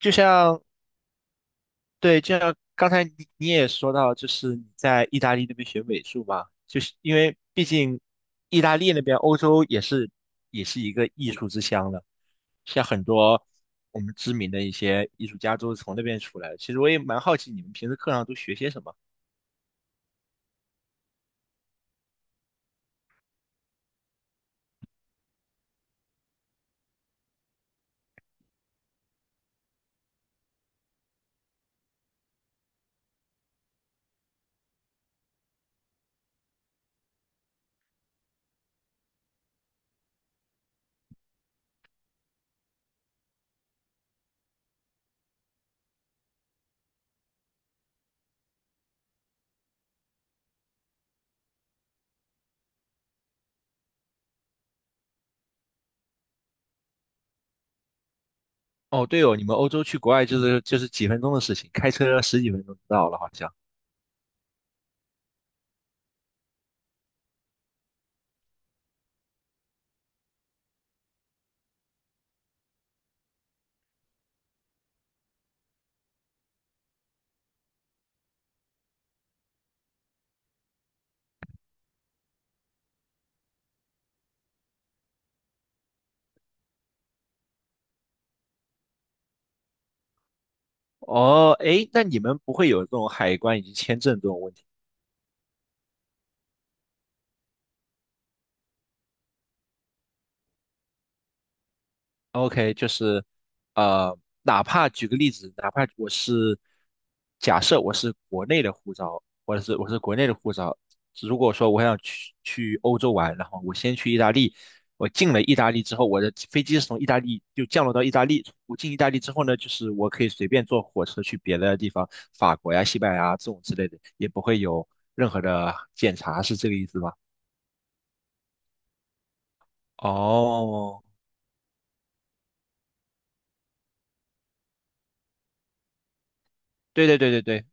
就像对，就像刚才你也说到，就是你在意大利那边学美术嘛，就是因为毕竟意大利那边欧洲也是一个艺术之乡了，像很多我们知名的一些艺术家都是从那边出来的。其实我也蛮好奇你们平时课上都学些什么。哦，对哦，你们欧洲去国外就是几分钟的事情，开车十几分钟就到了，好像。哦，诶，那你们不会有这种海关以及签证这种问题？OK，就是呃，哪怕举个例子，哪怕我是假设我是国内的护照，或者是我是国内的护照，如果说我想去欧洲玩，然后我先去意大利，我进了意大利之后，我的飞机是从意大利就降落到意大利，我进意大利之后呢，就是我可以随便坐火车去别的地方，法国呀、西班牙啊这种之类的，也不会有任何的检查，是这个意思吗？哦，对对对对对。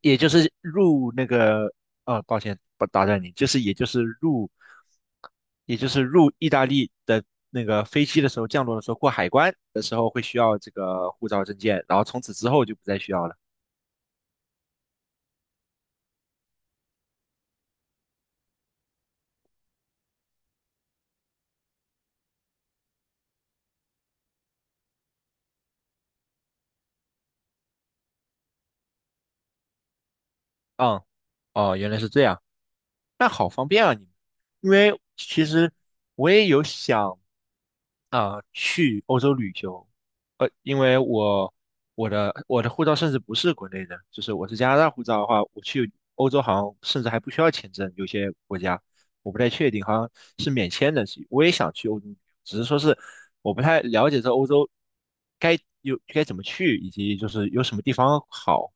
也就是入那个，啊，抱歉，不打断你，也就是入意大利的那个飞机的时候，降落的时候过海关的时候会需要这个护照证件，然后从此之后就不再需要了。嗯，哦，原来是这样，那好方便啊你们，因为其实我也有想啊，去欧洲旅游，因为我我的护照甚至不是国内的，就是我是加拿大护照的话，我去欧洲好像甚至还不需要签证，有些国家我不太确定，好像是免签的。我也想去欧洲旅游，只是说是我不太了解这欧洲该有该怎么去，以及就是有什么地方好，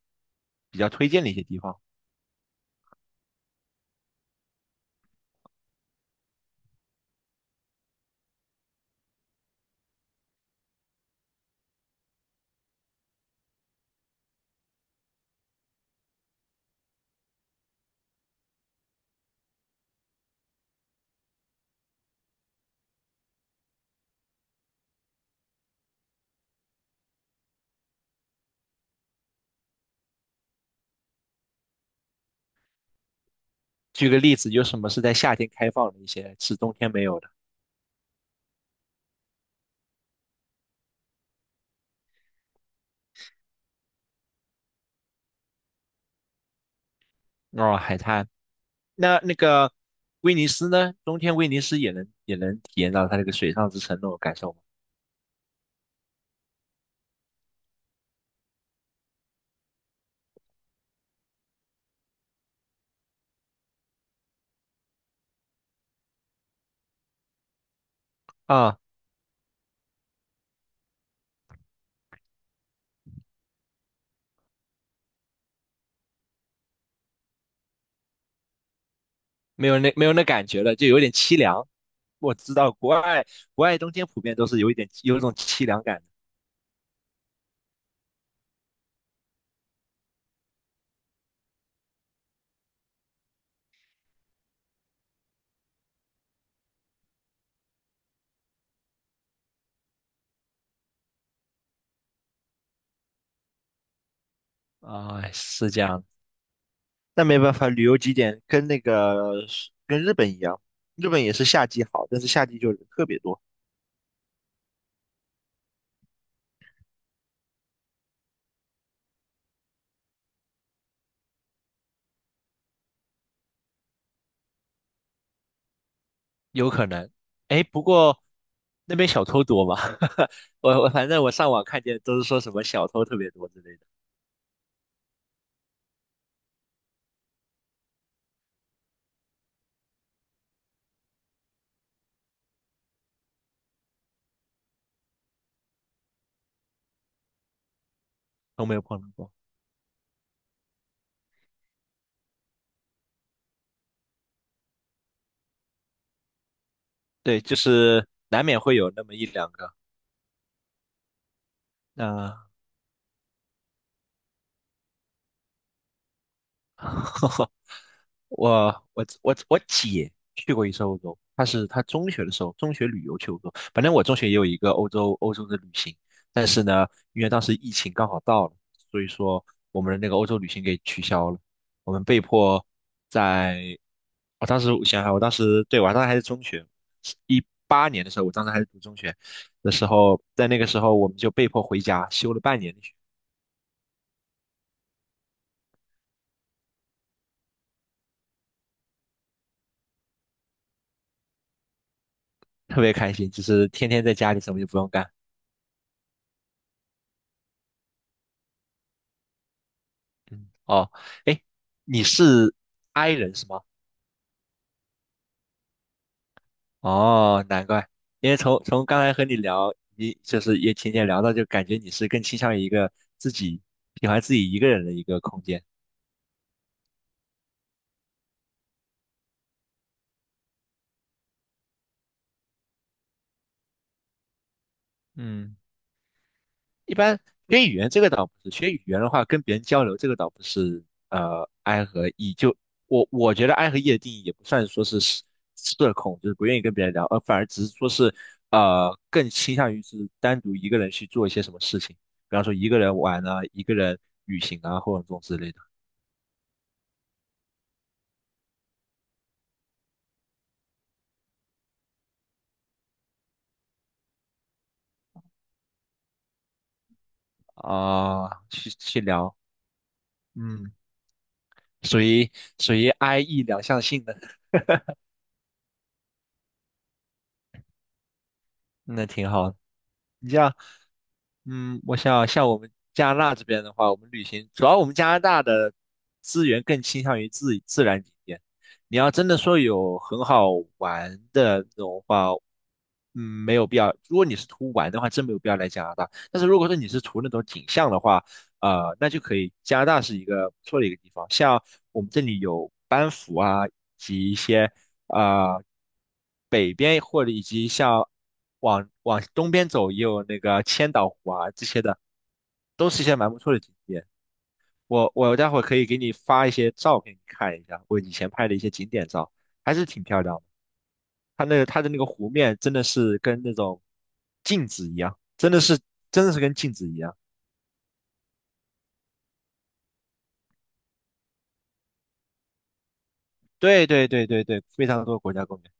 比较推荐的一些地方。举个例子，有什么是在夏天开放的一些，是冬天没有的？哦，海滩。那那个威尼斯呢？冬天威尼斯也能体验到它这个水上之城那种感受吗？啊，没有那感觉了，就有点凄凉。我知道国外冬天普遍都是有一种凄凉感的啊，是这样的那没办法，旅游景点跟那个跟日本一样，日本也是夏季好，但是夏季就人特别多，有可能。哎，不过那边小偷多吗？我反正我上网看见都是说什么小偷特别多之类的，都没有碰到过。对，就是难免会有那么一两个。那、我我姐去过一次欧洲，她中学的时候，中学旅游去欧洲。反正我中学也有一个欧洲的旅行，但是呢，因为当时疫情刚好到了，所以说我们的那个欧洲旅行给取消了，我们被迫在，我当时我想想，我当时还是中学，18年的时候，我当时还是读中学的时候，在那个时候我们就被迫回家休了半年的特别开心，就是天天在家里什么就不用干。嗯，哦，哎，你是 I 人是吗？哦，难怪，因为从刚才和你聊，你就是也浅浅聊到，就感觉你是更倾向于一个自己喜欢自己一个人的一个空间。嗯。一般学语言这个倒不是，学语言的话跟别人交流这个倒不是，呃，I 和 E 就我觉得 I 和 E 的定义也不算说是社恐，就是不愿意跟别人聊，而反而只是说是呃更倾向于是单独一个人去做一些什么事情，比方说一个人玩啊，一个人旅行啊，或者这种之类的啊，去去聊，嗯，属于属于 I E 两项性的，那挺好的你这样。嗯，我想像我们加拿大这边的话，我们旅行主要我们加拿大的资源更倾向于自然景点。你要真的说有很好玩的那种话，嗯，没有必要。如果你是图玩的话，真没有必要来加拿大。但是如果说你是图那种景象的话，呃，那就可以。加拿大是一个不错的一个地方，像我们这里有班夫啊，以及一些。啊，北边或者以及像往东边走也有那个千岛湖啊这些的，都是一些蛮不错的景点。我待会儿可以给你发一些照片，你看一下我以前拍的一些景点照，还是挺漂亮的。它那个它的那个湖面真的是跟那种镜子一样，真的是跟镜子一样。对对对对对，非常多国家公园。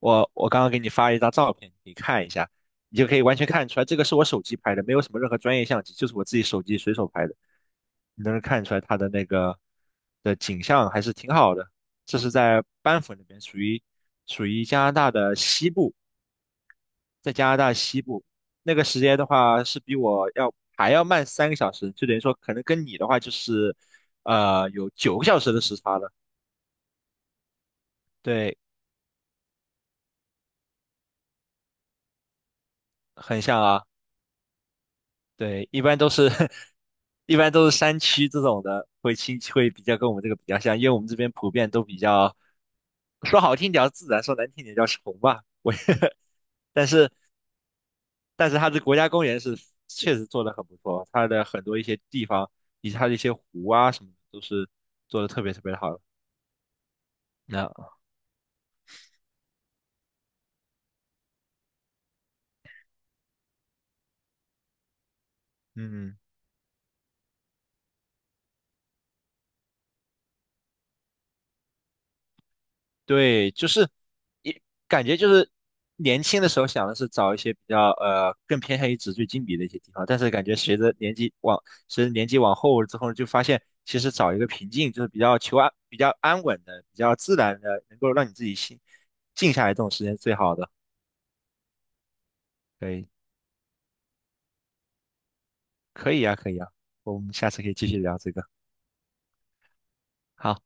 我刚刚给你发了一张照片，你可以看一下，你就可以完全看出来，这个是我手机拍的，没有什么任何专业相机，就是我自己手机随手拍的。你能看出来它的那个的景象还是挺好的。这是在班夫那边，属于加拿大的西部，在加拿大西部那个时间的话是比我要还要慢3个小时，就等于说可能跟你的话就是呃有9个小时的时差了。对，很像啊。对，一般都是 一般都是山区这种的，会亲会比较跟我们这个比较像，因为我们这边普遍都比较说好听点叫自然，说难听点叫穷吧。我但是但是它的国家公园是确实做的很不错，它的很多一些地方以及它的一些湖啊什么的都是做的特别特别的好的。那嗯。对，就是也感觉就是年轻的时候想的是找一些比较呃更偏向于纸醉金迷的一些地方，但是感觉随着年纪往后之后，就发现其实找一个平静，就是比较求安、比较安稳的、比较自然的，能够让你自己心静下来这种时间是最好的。对，可以啊，可以啊，我们下次可以继续聊这个。好。